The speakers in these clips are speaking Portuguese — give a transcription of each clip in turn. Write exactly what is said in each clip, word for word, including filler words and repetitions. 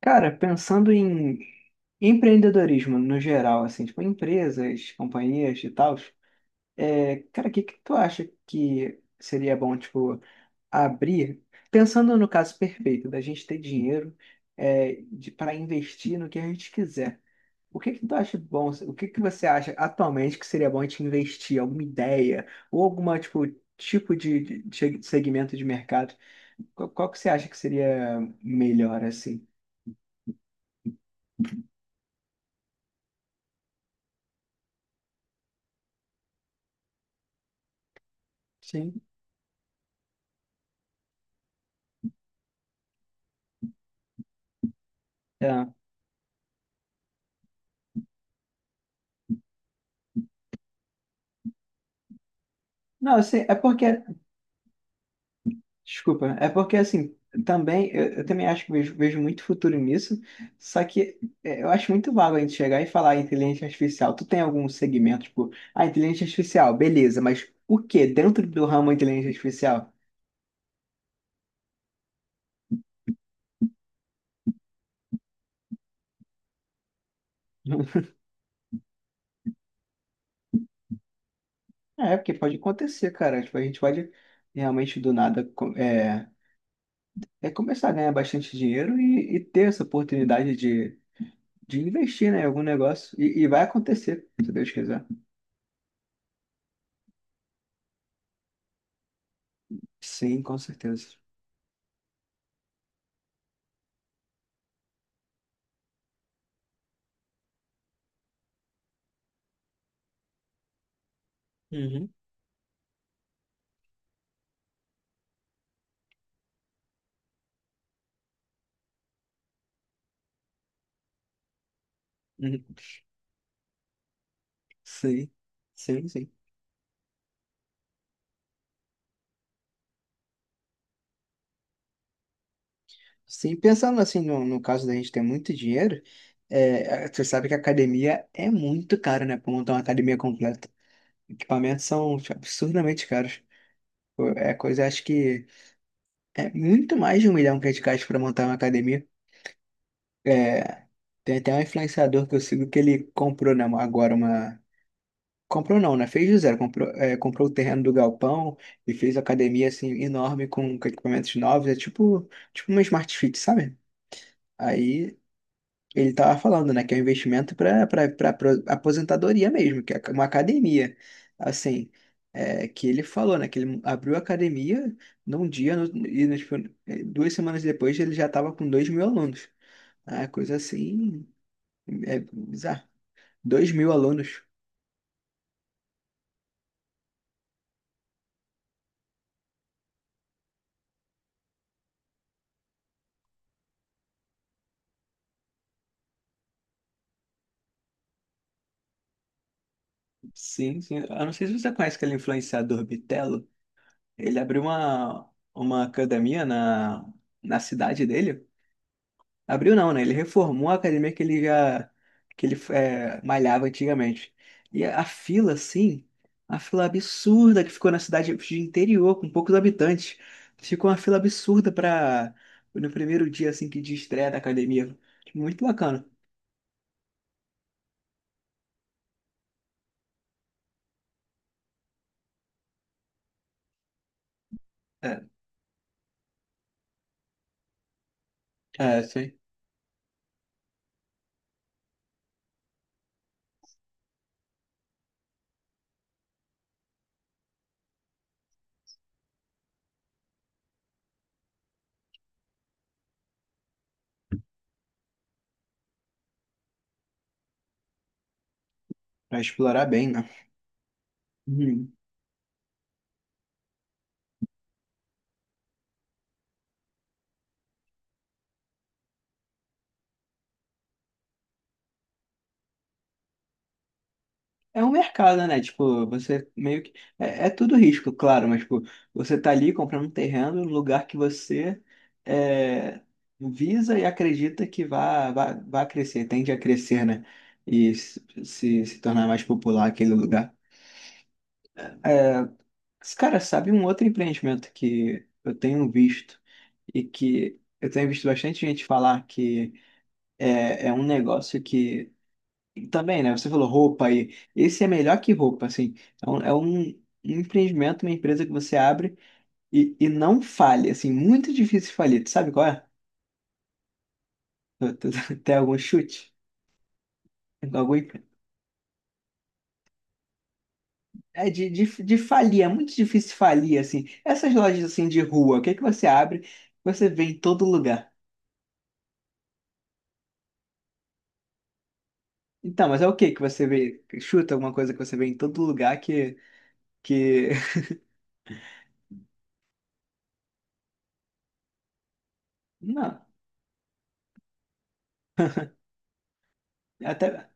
Cara, pensando em empreendedorismo no geral, assim, tipo empresas, companhias e tal, é, cara, o que que tu acha que seria bom, tipo, abrir? Pensando no caso perfeito, da gente ter dinheiro é, de, para investir no que a gente quiser. O que que tu acha bom? O que que você acha atualmente que seria bom a gente investir? Alguma ideia? Ou alguma, tipo, tipo de, de- de segmento de mercado? Qual, qual que você acha que seria melhor, assim? Sim. Não, assim, é porque, desculpa, é porque assim, também, eu, eu também acho que vejo, vejo muito futuro nisso, só que é, eu acho muito vago a gente chegar e falar inteligência artificial. Tu tem algum segmento, tipo, ah, inteligência artificial, beleza, mas o que dentro do ramo inteligência artificial? É, porque pode acontecer, cara, tipo, a gente pode realmente do nada co- é, é começar a ganhar bastante dinheiro e, e ter essa oportunidade de, de investir, né, em algum negócio, e, e vai acontecer, se Deus quiser. Sim, com certeza. Uhum. Uhum. Sim, sim, sim. Sim, pensando assim, no, no caso da gente ter muito dinheiro, é, você sabe que a academia é muito cara, né? Pra montar uma academia completa. Equipamentos são tipo, absurdamente caros. Pô, é coisa, acho que é muito mais de um milhão que a gente gasta pra montar uma academia. É, tem até um influenciador que eu sigo que ele comprou, né, agora uma. Comprou não, né? Fez do zero. Comprou, é, comprou o terreno do galpão e fez academia assim enorme com, com equipamentos novos. É tipo, tipo uma Smart Fit, sabe? Aí ele tava falando, né, que é um investimento para para aposentadoria mesmo, que é uma academia. Assim, é, que ele falou, né, que ele abriu a academia num dia no- e no- tipo, é, duas semanas depois ele já tava com dois mil alunos. Ah, coisa assim, é bizarro. Dois mil alunos. Sim, sim. Eu não sei se você conhece aquele influenciador Bitelo. Ele abriu uma, uma academia na, na cidade dele. Abriu não, né? Ele reformou a academia que ele já que ele é, malhava antigamente. E a a fila, assim, a fila absurda que ficou na cidade de interior, com poucos habitantes. Ficou uma fila absurda para no primeiro dia assim que de estreia da academia. Muito bacana. É, é, sim. Vai explorar bem, né? Uhum. É um mercado, né? Tipo, você meio que. É, é tudo risco, claro, mas, tipo, você tá ali comprando um terreno no lugar que você é, visa e acredita que vai vá, vá vá crescer, tende a crescer, né? E se, se se tornar mais popular aquele lugar. Esse cara sabe um outro empreendimento que eu tenho visto e que eu tenho visto bastante gente falar que é, é um negócio que e também, né? Você falou roupa aí. Esse é melhor que roupa, assim. É um, é um, um empreendimento, uma empresa que você abre e, e não falha, assim. Muito difícil falir. Tu sabe qual é? Tu- tu- tu tem algum chute? Algum... É de, de, de falir, é muito difícil falir, assim. Essas lojas, assim, de rua, o que é que você abre? Você vê em todo lugar. Então, mas é o que que você vê? Chuta alguma coisa que você vê em todo lugar que... que... Não, até...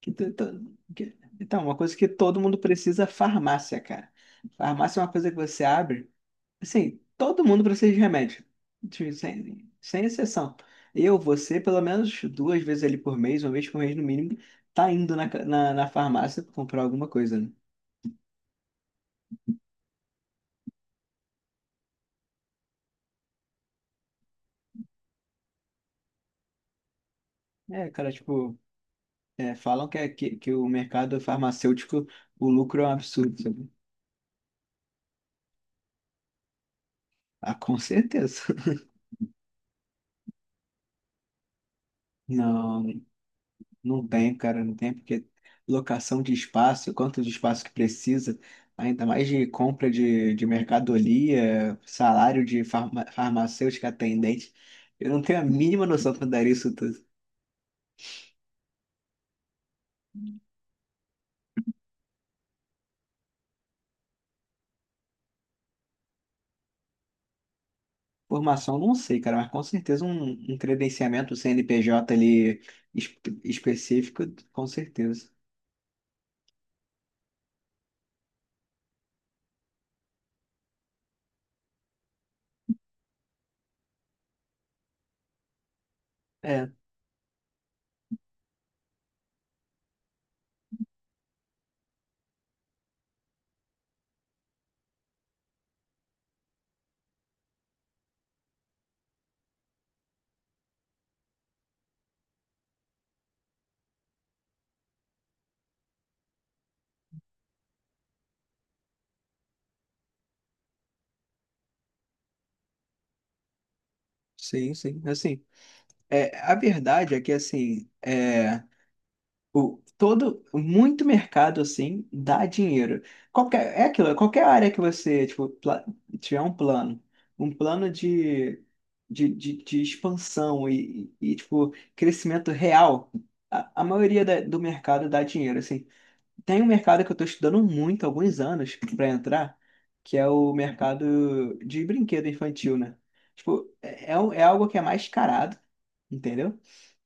Que tu- tu- que- Então, uma coisa que todo mundo precisa é farmácia, cara. Farmácia é uma coisa que você abre. Assim, todo mundo precisa de remédio. De- Sem, sem exceção. Eu, você, pelo menos duas vezes ali por mês, uma vez por mês no mínimo, tá indo na, ca- na, na farmácia pra comprar alguma coisa, né? É, cara, tipo, é, falam que, é- que, que o mercado farmacêutico, o lucro é um absurdo, sabe? Ah, com certeza. Não. Não tem, cara, não tem, porque locação de espaço, quanto de espaço que precisa, ainda mais de compra de, de mercadoria, salário de farma, farmacêutica atendente. Eu não tenho a mínima noção para dar isso tudo. Formação, não sei, cara, mas com certeza um, um credenciamento C N P J ali es- específico, com certeza. É, sim, sim. Assim, é, a verdade é que, assim, O, todo, muito mercado assim dá dinheiro. Qualquer, é aquilo, é qualquer área que você, tipo, pla- tiver um plano, um plano de, de, de, de expansão e, e, tipo, crescimento real, a, a maioria da- do mercado dá dinheiro, assim. Tem um mercado que eu tô estudando muito, há alguns anos, para entrar, que é o mercado de brinquedo infantil, né? Tipo, é, é um- é algo que é mais carado, entendeu?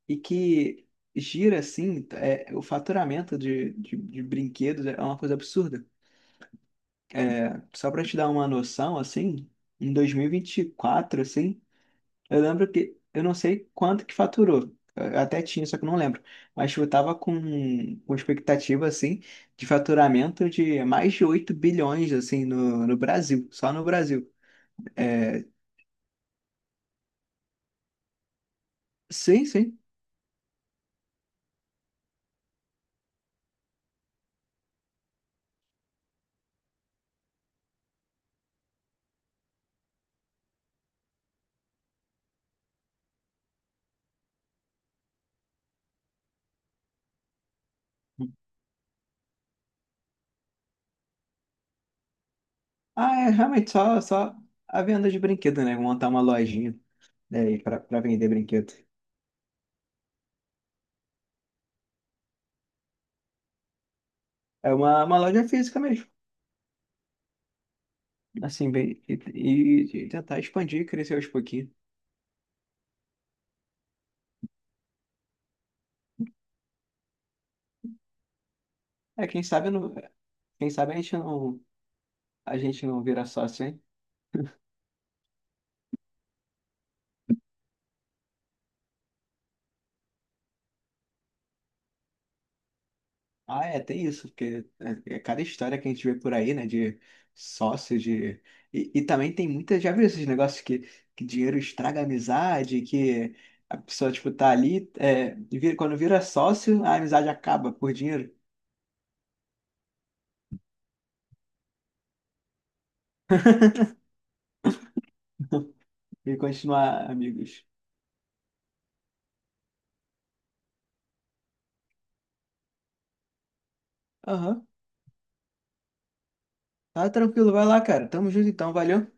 E que gira assim, é, o faturamento de, de, de brinquedos é uma coisa absurda. É, só para te dar uma noção, assim, em dois mil e e vinte e quatro assim, eu lembro que eu não sei quanto que faturou. Eu até tinha, só que eu não lembro. Mas eu tava com, com expectativa, assim, de faturamento de mais de oito bilhões, assim, no, no Brasil, só no Brasil. É, sim, sim. Ah, é realmente só, só a venda de brinquedo, né? Montar uma lojinha, né, para para vender brinquedo. É uma, uma loja física mesmo, assim, bem, e, e- e tentar expandir, crescer aos pouquinhos. É, quem sabe, não, quem sabe a gente não, a gente não vira sócio, hein? Ah, é, tem isso, porque é, é cada história que a gente vê por aí, né, de sócio, de... E, e também tem muita, já viu esses negócios que, que dinheiro estraga a amizade, que a pessoa, tipo, tá ali, é, e vira- quando vira sócio, a amizade acaba por dinheiro e continuar amigos. Aham. Tá tranquilo, vai lá, cara. Tamo junto então, valeu.